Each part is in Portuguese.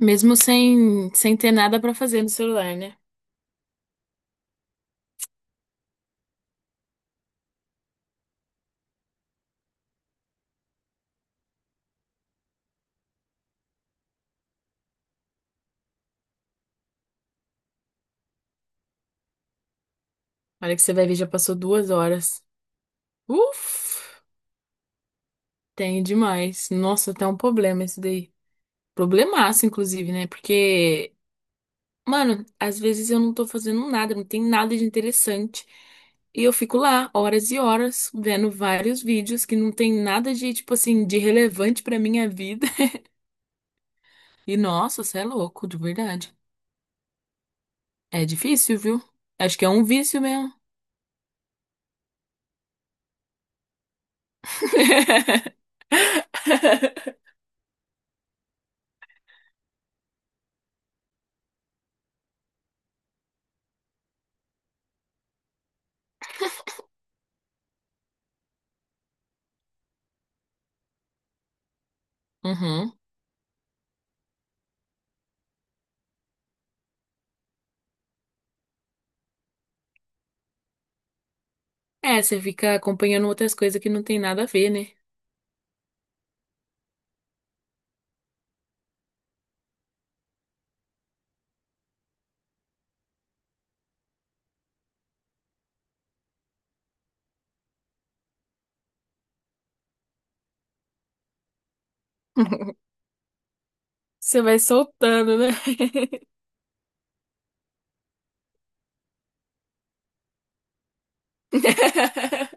Mesmo sem ter nada pra fazer no celular, né? Olha que você vai ver, já passou 2 horas. Uf, tem demais. Nossa, tá um problema esse daí. Problemaço, inclusive, né? Porque, mano, às vezes eu não tô fazendo nada, não tem nada de interessante. E eu fico lá horas e horas vendo vários vídeos que não tem nada de, tipo assim, de relevante pra minha vida. E nossa, você é louco, de verdade. É difícil, viu? Acho que é um vício mesmo. Uhum. É, você fica acompanhando outras coisas que não tem nada a ver, né? Você vai soltando, né?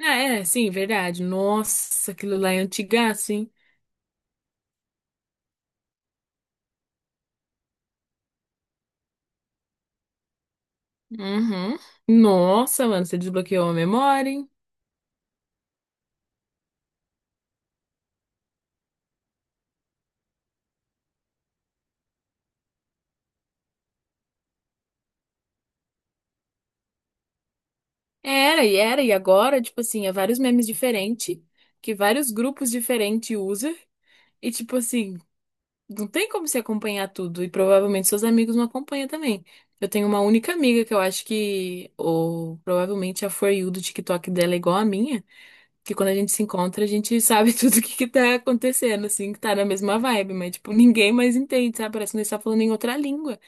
Ah, é, sim, verdade. Nossa, aquilo lá é antigaço, hein? Uhum. Nossa, mano, você desbloqueou a memória, hein? Era, e era, e agora, tipo assim, é vários memes diferentes, que vários grupos diferentes usam, e tipo assim, não tem como se acompanhar tudo e provavelmente seus amigos não acompanham também. Eu tenho uma única amiga que eu acho que, ou provavelmente a For You do TikTok dela é igual a minha, que quando a gente se encontra a gente sabe tudo o que que tá acontecendo, assim, que tá na mesma vibe, mas tipo, ninguém mais entende, sabe? Parece que nós tá falando em outra língua.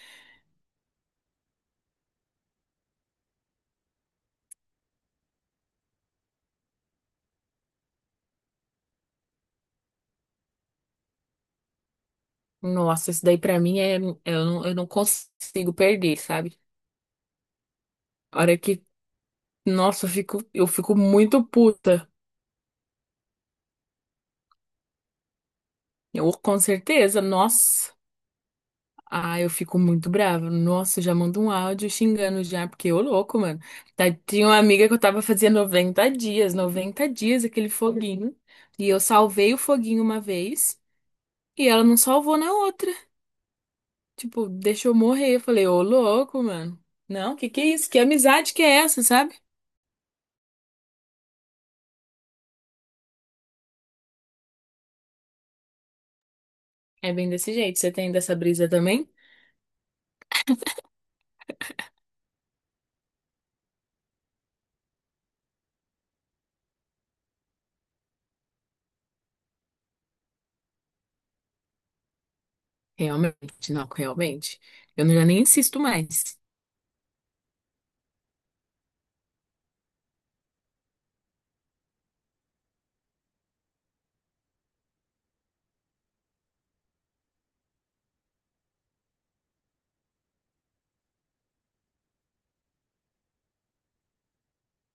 Nossa, isso daí pra mim é, eu não consigo perder, sabe? A hora que, nossa, eu fico muito puta. Eu, com certeza, nossa. Ah, eu fico muito brava. Nossa, eu já mando um áudio xingando já, porque ô louco, mano. Tá, tinha uma amiga que eu tava fazendo 90 dias, 90 dias aquele foguinho. E eu salvei o foguinho uma vez e ela não salvou na outra. Tipo, deixou morrer. Eu falei, ô louco, mano. Não, que é isso? Que amizade que é essa, sabe? É bem desse jeito. Você tem dessa brisa também? Realmente, não, realmente. Eu não- já nem insisto mais.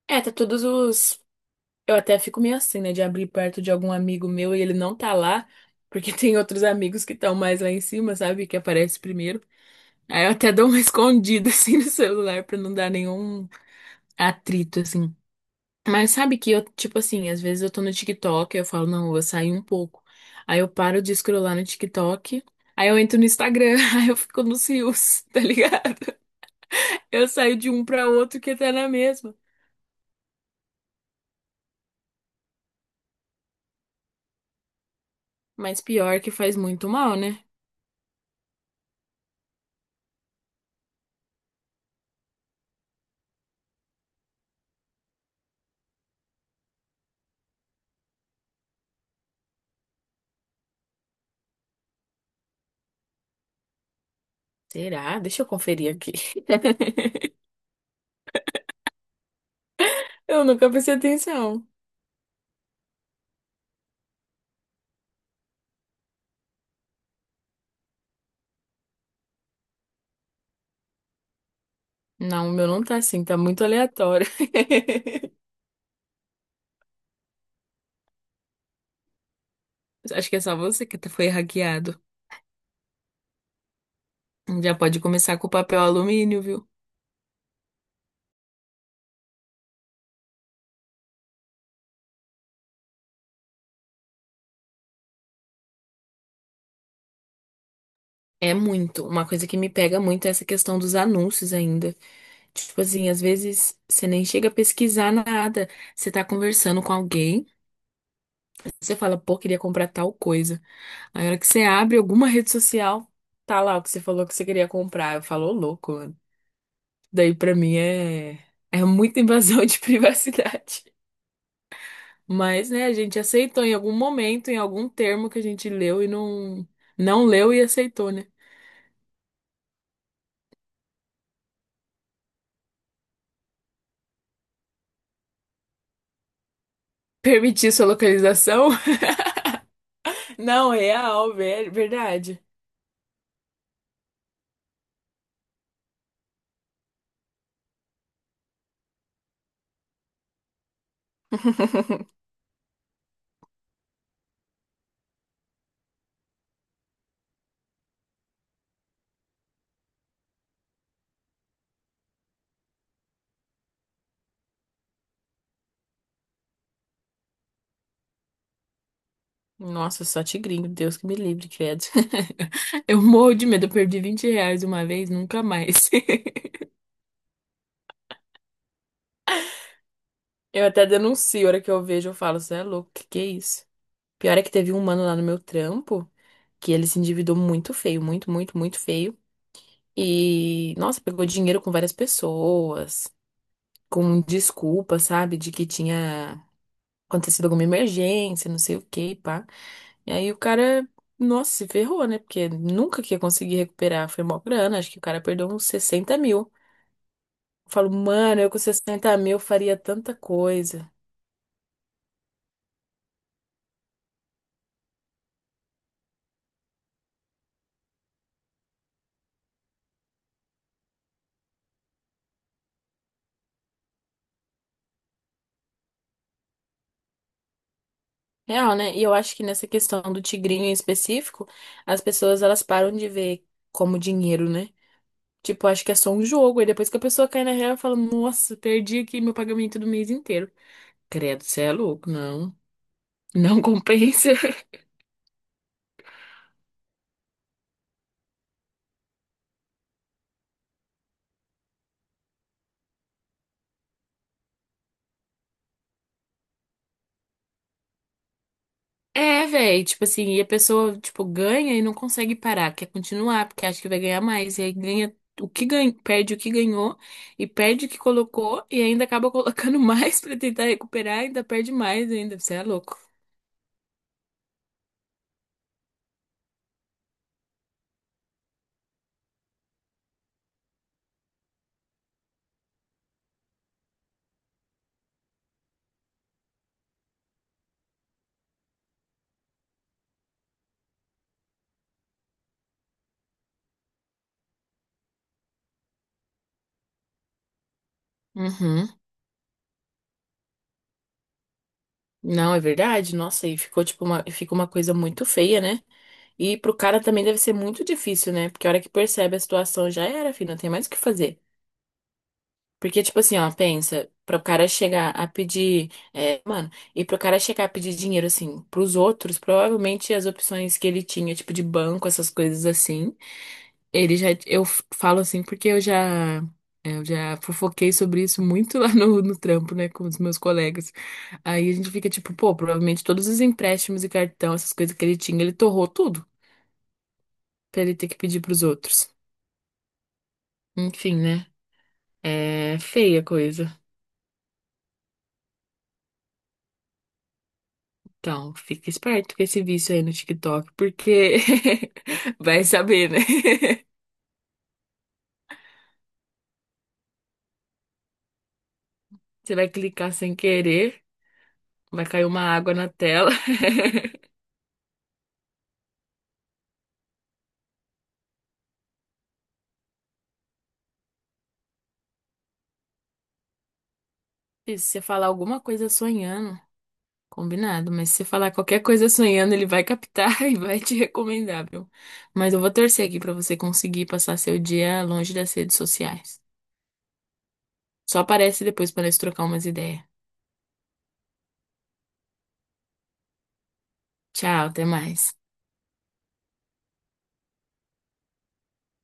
É, tá todos os. Eu até fico meio assim, né, de abrir perto de algum amigo meu e ele não tá lá, porque tem outros amigos que estão mais lá em cima, sabe, que aparece primeiro. Aí eu até dou uma escondida assim no celular pra não dar nenhum atrito assim. Mas sabe que eu, tipo assim, às vezes eu tô no TikTok, eu falo, não, eu vou sair um pouco. Aí eu paro de scrollar no TikTok, aí eu entro no Instagram, aí eu fico nos rios, tá ligado? Eu saio de um pra outro que tá na mesma. Mas pior que faz muito mal, né? Será? Deixa eu conferir aqui. Eu nunca prestei atenção. Não, o meu não tá assim, tá muito aleatório. Acho que é só você que tá, foi hackeado. Já pode começar com o papel alumínio, viu? É muito. Uma coisa que me pega muito é essa questão dos anúncios ainda. Tipo assim, às vezes você nem chega a pesquisar nada. Você tá conversando com alguém, você fala, pô, queria comprar tal coisa. Aí, na hora que você abre alguma rede social, tá lá o que você falou que você queria comprar. Eu falo, ô, louco, daí pra mim é é muita invasão de privacidade. Mas, né, a gente aceitou em algum momento, em algum termo que a gente leu e não leu e aceitou, né? Permitir sua localização? Não, é real, verdade. Nossa, só tigrinho, Deus que me livre, credo. Eu morro de medo, eu perdi R$ 20 uma vez, nunca mais. Eu até denuncio, a hora que eu vejo, eu falo, você é louco, que é isso? Pior é que teve um mano lá no meu trampo, que ele se endividou muito feio, muito, muito, muito feio. E, nossa, pegou dinheiro com várias pessoas, com desculpa, sabe, de que tinha acontecido alguma emergência, não sei o que, pá. E aí o cara, nossa, se ferrou, né? Porque nunca que ia conseguir recuperar. Foi mó grana, acho que o cara perdeu uns 60 mil. Eu falo, mano, eu com 60 mil faria tanta coisa. Real, né? E eu acho que nessa questão do tigrinho em específico, as pessoas elas param de ver como dinheiro, né? Tipo, acho que é só um jogo. Aí depois que a pessoa cai na real, fala, nossa, perdi aqui meu pagamento do mês inteiro. Credo, você é louco, não. Não compensa. É, velho, tipo assim, e a pessoa, tipo, ganha e não consegue parar, quer continuar, porque acha que vai ganhar mais. E aí ganha o que ganha, perde o que ganhou, e perde o que colocou, e ainda acaba colocando mais pra tentar recuperar, ainda perde mais ainda. Você é louco. Uhum. Não, é verdade. Nossa, e ficou tipo uma, fica uma coisa muito feia, né? E pro cara também deve ser muito difícil, né? Porque a hora que percebe a situação já era, filho, não tem mais o que fazer. Porque, tipo assim, ó, pensa, pro cara chegar a pedir, é, mano, e pro cara chegar a pedir dinheiro, assim, pros outros, provavelmente as opções que ele tinha, tipo de banco, essas coisas assim, ele já, falo assim porque eu já, é, eu já fofoquei sobre isso muito lá no, no trampo, né, com os meus colegas. Aí a gente fica tipo, pô, provavelmente todos os empréstimos e cartão, essas coisas que ele tinha, ele torrou tudo pra ele ter que pedir pros outros. Enfim, né? É feia a coisa. Então, fica esperto com esse vício aí no TikTok, porque vai saber, né? Você vai clicar sem querer, vai cair uma água na tela. E se você falar alguma coisa sonhando, combinado, mas se você falar qualquer coisa sonhando, ele vai captar e vai te recomendar, viu? Mas eu vou torcer aqui pra você conseguir passar seu dia longe das redes sociais. Só aparece depois pra nós trocar umas ideias. Tchau, até mais.